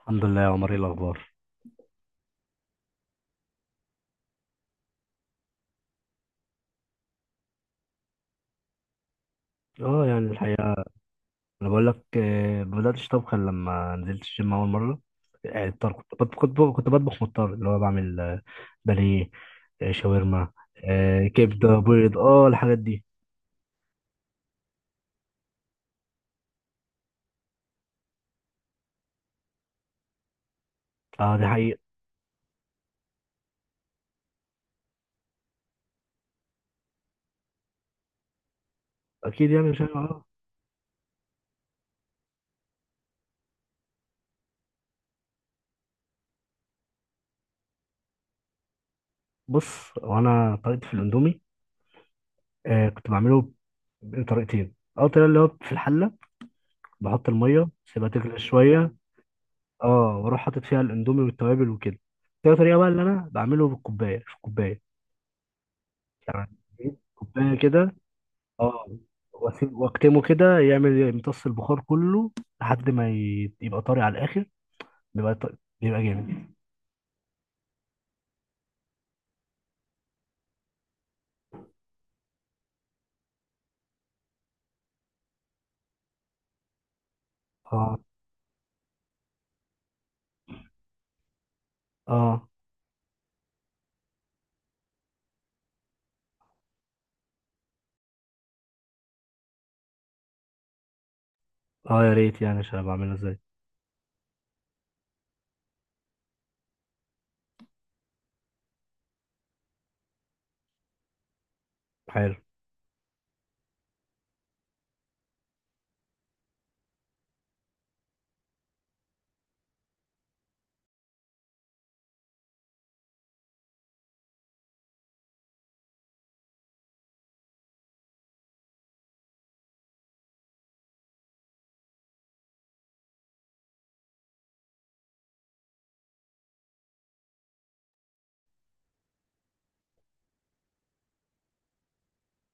الحمد لله يا عمر، ايه الاخبار؟ الحقيقه انا بقول لك، ما بداتش طبخ إلا لما نزلت الجيم اول مره. يعني الطبخ كنت بط- كنت ب- كنت بطبخ مضطر، اللي هو بعمل بانيه، شاورما، كبده، بيض، اه الحاجات دي. اه دي حقيقه. اكيد يعني. مش اه. بص، وانا طريقتي في الاندومي كنت بعمله بطريقتين. اول طريقه اللي هو في الحله، بحط الميه سيبها تغلي شويه، اه واروح حاطط فيها الاندومي والتوابل وكده. تاني طريقه بقى اللي انا بعمله بالكوبايه، في الكوبايه يعني أجيب كوباية كده، اه واكتمه كده يعمل يمتص البخار كله لحد ما يبقى طري على الآخر، بيبقى جامد اه، اه، اه، يا ريت يعني عشان أبقى أعملها ازاي. حلو،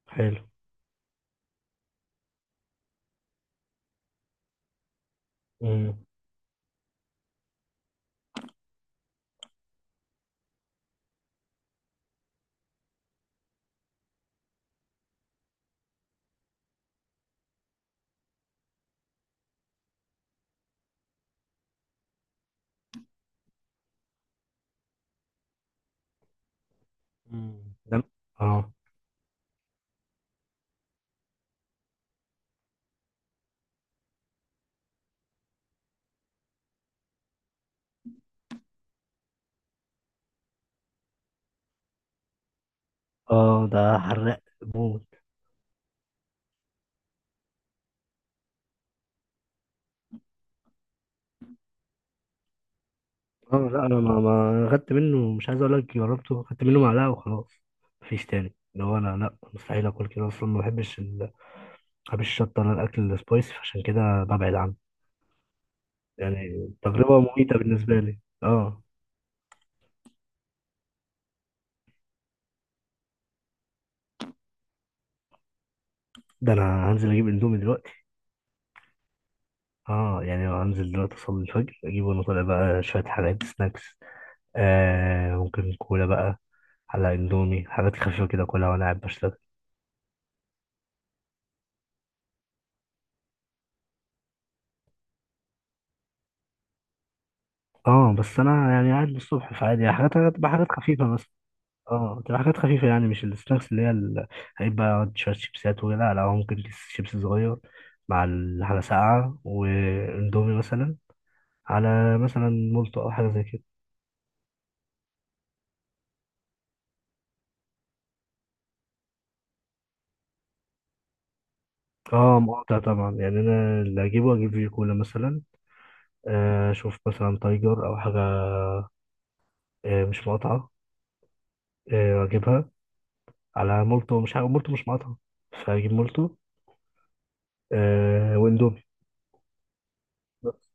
حلو. ده، اه، اه. ده حراق موت. اه لا، انا ما خدت منه، مش عايز اقول لك جربته، خدت منه معلقه وخلاص. مفيش تاني. اللي هو انا لا، مستحيل اكل كده اصلا، ما بحبش ال... ما بحبش الشطه، انا الاكل السبايسي فعشان كده ببعد عنه. يعني تجربة مميتة بالنسبة لي، اه. ده انا هنزل اجيب اندومي دلوقتي. اه يعني هنزل دلوقتي اصلي الفجر اجيب، وانا طالع بقى شوية حاجات سناكس، آه ممكن كولا بقى على اندومي، حاجات خفيفة كده كلها وانا قاعد بشتغل. اه بس انا يعني قاعد للصبح، فعادي يعني حاجات، تبقى حاجات خفيفة مثلا. اه تبقى حاجات خفيفة، يعني مش السناكس اللي هي ال...، هيبقى شوية شيبسات، ولا لا لا، هو ممكن كيس شيبس صغير مع حاجة ساقعة واندومي مثلا، على مثلا مولتو او حاجة زي كده. اه مقاطع طبعا، يعني انا اللي اجيبه اجيب فيجي كولا مثلا، اشوف مثلا تايجر او حاجه، مش مقاطعه، اجيبها على مولتو، مش حاجه، مولتو مش مقاطعه، فاجيب مولتو، واندومي بس.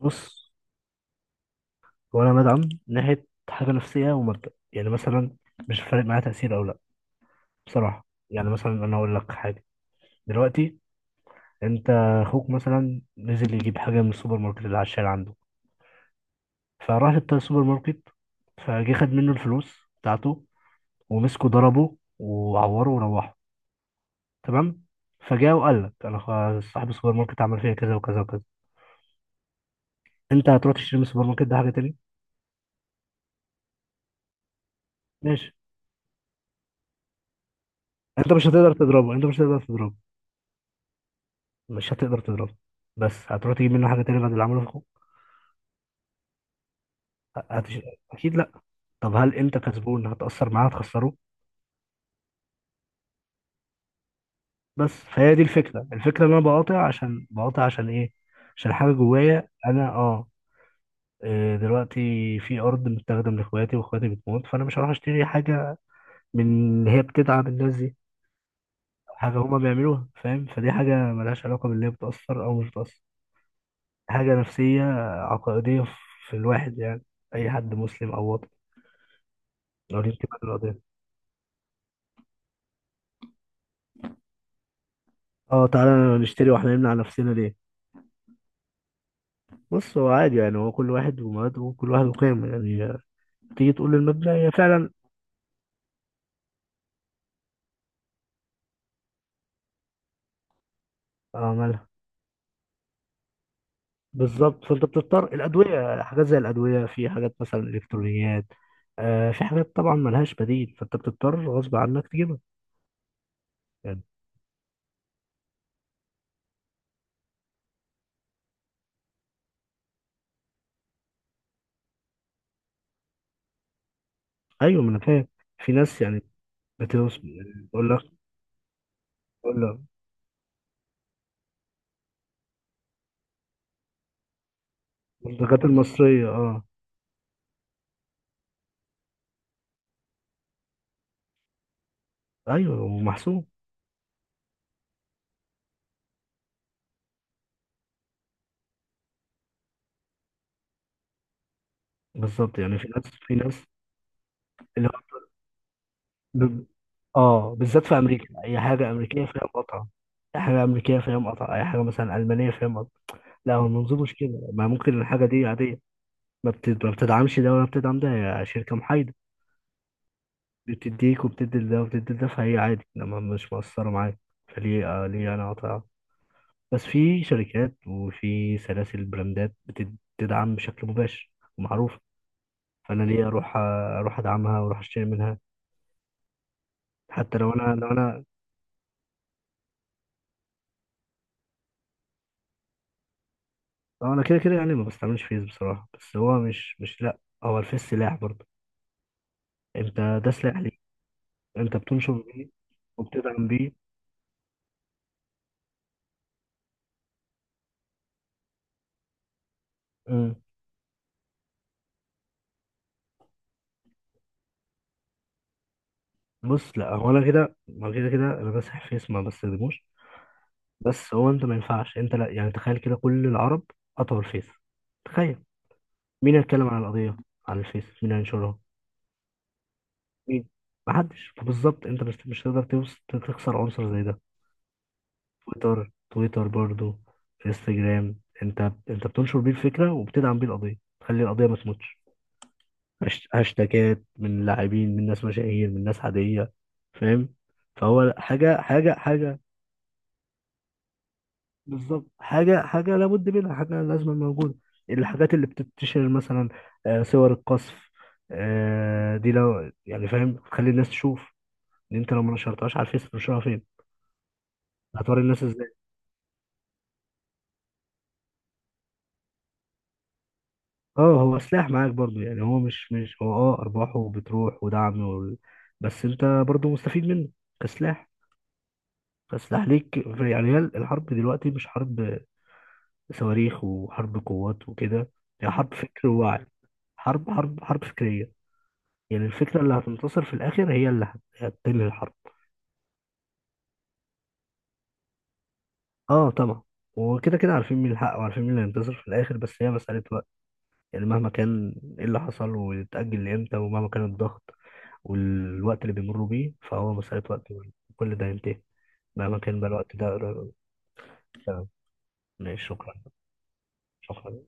بص، وانا بدعم ناحيه حاجه نفسيه ومبدا، يعني مثلا مش فارق معايا تاثير او لا. بصراحه يعني مثلا انا اقول لك حاجه. دلوقتي انت، اخوك مثلا نزل يجيب حاجه من السوبر ماركت اللي على الشارع عنده، فراح السوبر ماركت، فجه خد منه الفلوس بتاعته، ومسكوا ضربوا وعوروا وروحوا، تمام. فجاء وقال لك انا، صاحب السوبر ماركت عمل فيا كذا وكذا وكذا. انت هتروح تشتري من السوبر ماركت ده حاجه تاني؟ ماشي. انت مش هتقدر تضربه، انت مش هتقدر تضربه، مش هتقدر تضربه. بس هتروح تجيب منه حاجه تاني بعد اللي عمله في اخوك؟ هتش... اكيد لا. طب هل انت كسبان، هتاثر معاه هتخسره؟ بس فهي دي الفكره، الفكره ان انا بقاطع، عشان بقاطع عشان ايه؟ عشان حاجه جوايا انا، اه. دلوقتي في ارض متاخده من اخواتي، واخواتي بتموت، فانا مش هروح اشتري حاجه من إن هي بتدعم الناس دي، حاجة هما بيعملوها، فاهم. فدي حاجة ملهاش علاقة باللي هي بتأثر أو مش بتأثر، حاجة نفسية، عقائدية في الواحد يعني، أي حد مسلم أو وطني لو ليه انتماء للقضية. اه تعالى نشتري واحنا نمنع نفسنا ليه؟ بص، هو عادي يعني، هو كل واحد ومبادئه، وكل واحد وقيمه يعني، تيجي تقول للمبدأ هي فعلا اه. مالها؟ بالظبط، فانت بتضطر، الأدوية حاجات زي الأدوية، في حاجات مثلا إلكترونيات، آه في حاجات طبعا ملهاش بديل، فانت بتضطر غصب عنك تجيبها، يعني. ايوه ما انا فاهم، في ناس يعني بتوصل. بقول لك، بقول لك الدكاتره المصريه، اه. ايوه ومحسوب. بالظبط يعني في ناس اللي هو، ب- اه بالذات في امريكا، اي حاجه امريكيه فيها مقاطعه، اي حاجه امريكيه فيها مقاطعه، اي حاجه مثلا المانيه فيها مقاطعه. لا هو المنظور مش كده، ما ممكن الحاجه دي عاديه، ما بتدعمش ده ولا بتدعم ده، هي شركه محايده، بتديك وبتدي ده وبتدي ده، فهي عادي لما مش مقصره معايا. فليه، آه ليه انا اقاطع؟ بس في شركات وفي سلاسل براندات بتدعم بشكل مباشر ومعروف. فانا ليه اروح، ادعمها واروح اشتري منها؟ حتى لو انا، لو انا، كده كده يعني ما بستعملش فيس بصراحه، بس هو مش لا، هو الفيس سلاح برضه، انت ده سلاح ليك، انت بتنشر بيه وبتدعم بيه. مم. بص لا، هو انا كده ما كده كده انا بمسح فيس، ما بستخدموش. بس هو انت ما ينفعش، انت لا، يعني تخيل كده كل العرب قطعوا الفيس، تخيل، مين هيتكلم عن القضيه على الفيس؟ مين هينشرها؟ مين؟ محدش. بالظبط، انت مش هتقدر تخسر عنصر زي ده. تويتر، برضو، انستجرام، انت بتنشر بيه الفكره، وبتدعم بيه القضيه، تخلي القضيه ما تموتش، هاشتاجات من لاعبين، من ناس مشاهير، من ناس عاديه، فاهم. فهو حاجه، حاجه، حاجه، بالظبط، حاجه، حاجه لابد منها، حاجه لازم موجوده. الحاجات اللي بتنتشر مثلا، صور القصف، دي لو يعني فاهم تخلي الناس تشوف، ان انت لو ما نشرتهاش على الفيس تنشرها فين؟ هتوري الناس ازاي؟ اه هو سلاح معاك برضو يعني، هو مش هو، اه ارباحه بتروح ودعم وال...، بس انت برضو مستفيد منه كسلاح، كسلاح ليك في-. يعني هي الحرب دلوقتي مش حرب صواريخ وحرب قوات وكده، هي حرب فكر ووعي، حرب فكرية، يعني الفكرة اللي هتنتصر في الآخر هي اللي هتنهي الحرب. اه طبعا، وكده كده عارفين مين الحق وعارفين مين اللي هينتصر في الآخر، بس هي مسألة وقت، يعني مهما كان ايه اللي حصل ويتأجل لإمتى، ومهما كان الضغط والوقت اللي بيمروا بيه، فهو مسألة وقت، وكل ده ينتهي، مهما كان بقى الوقت ده قريب أو بعيد. تمام. ماشي، شكرا. شكرا.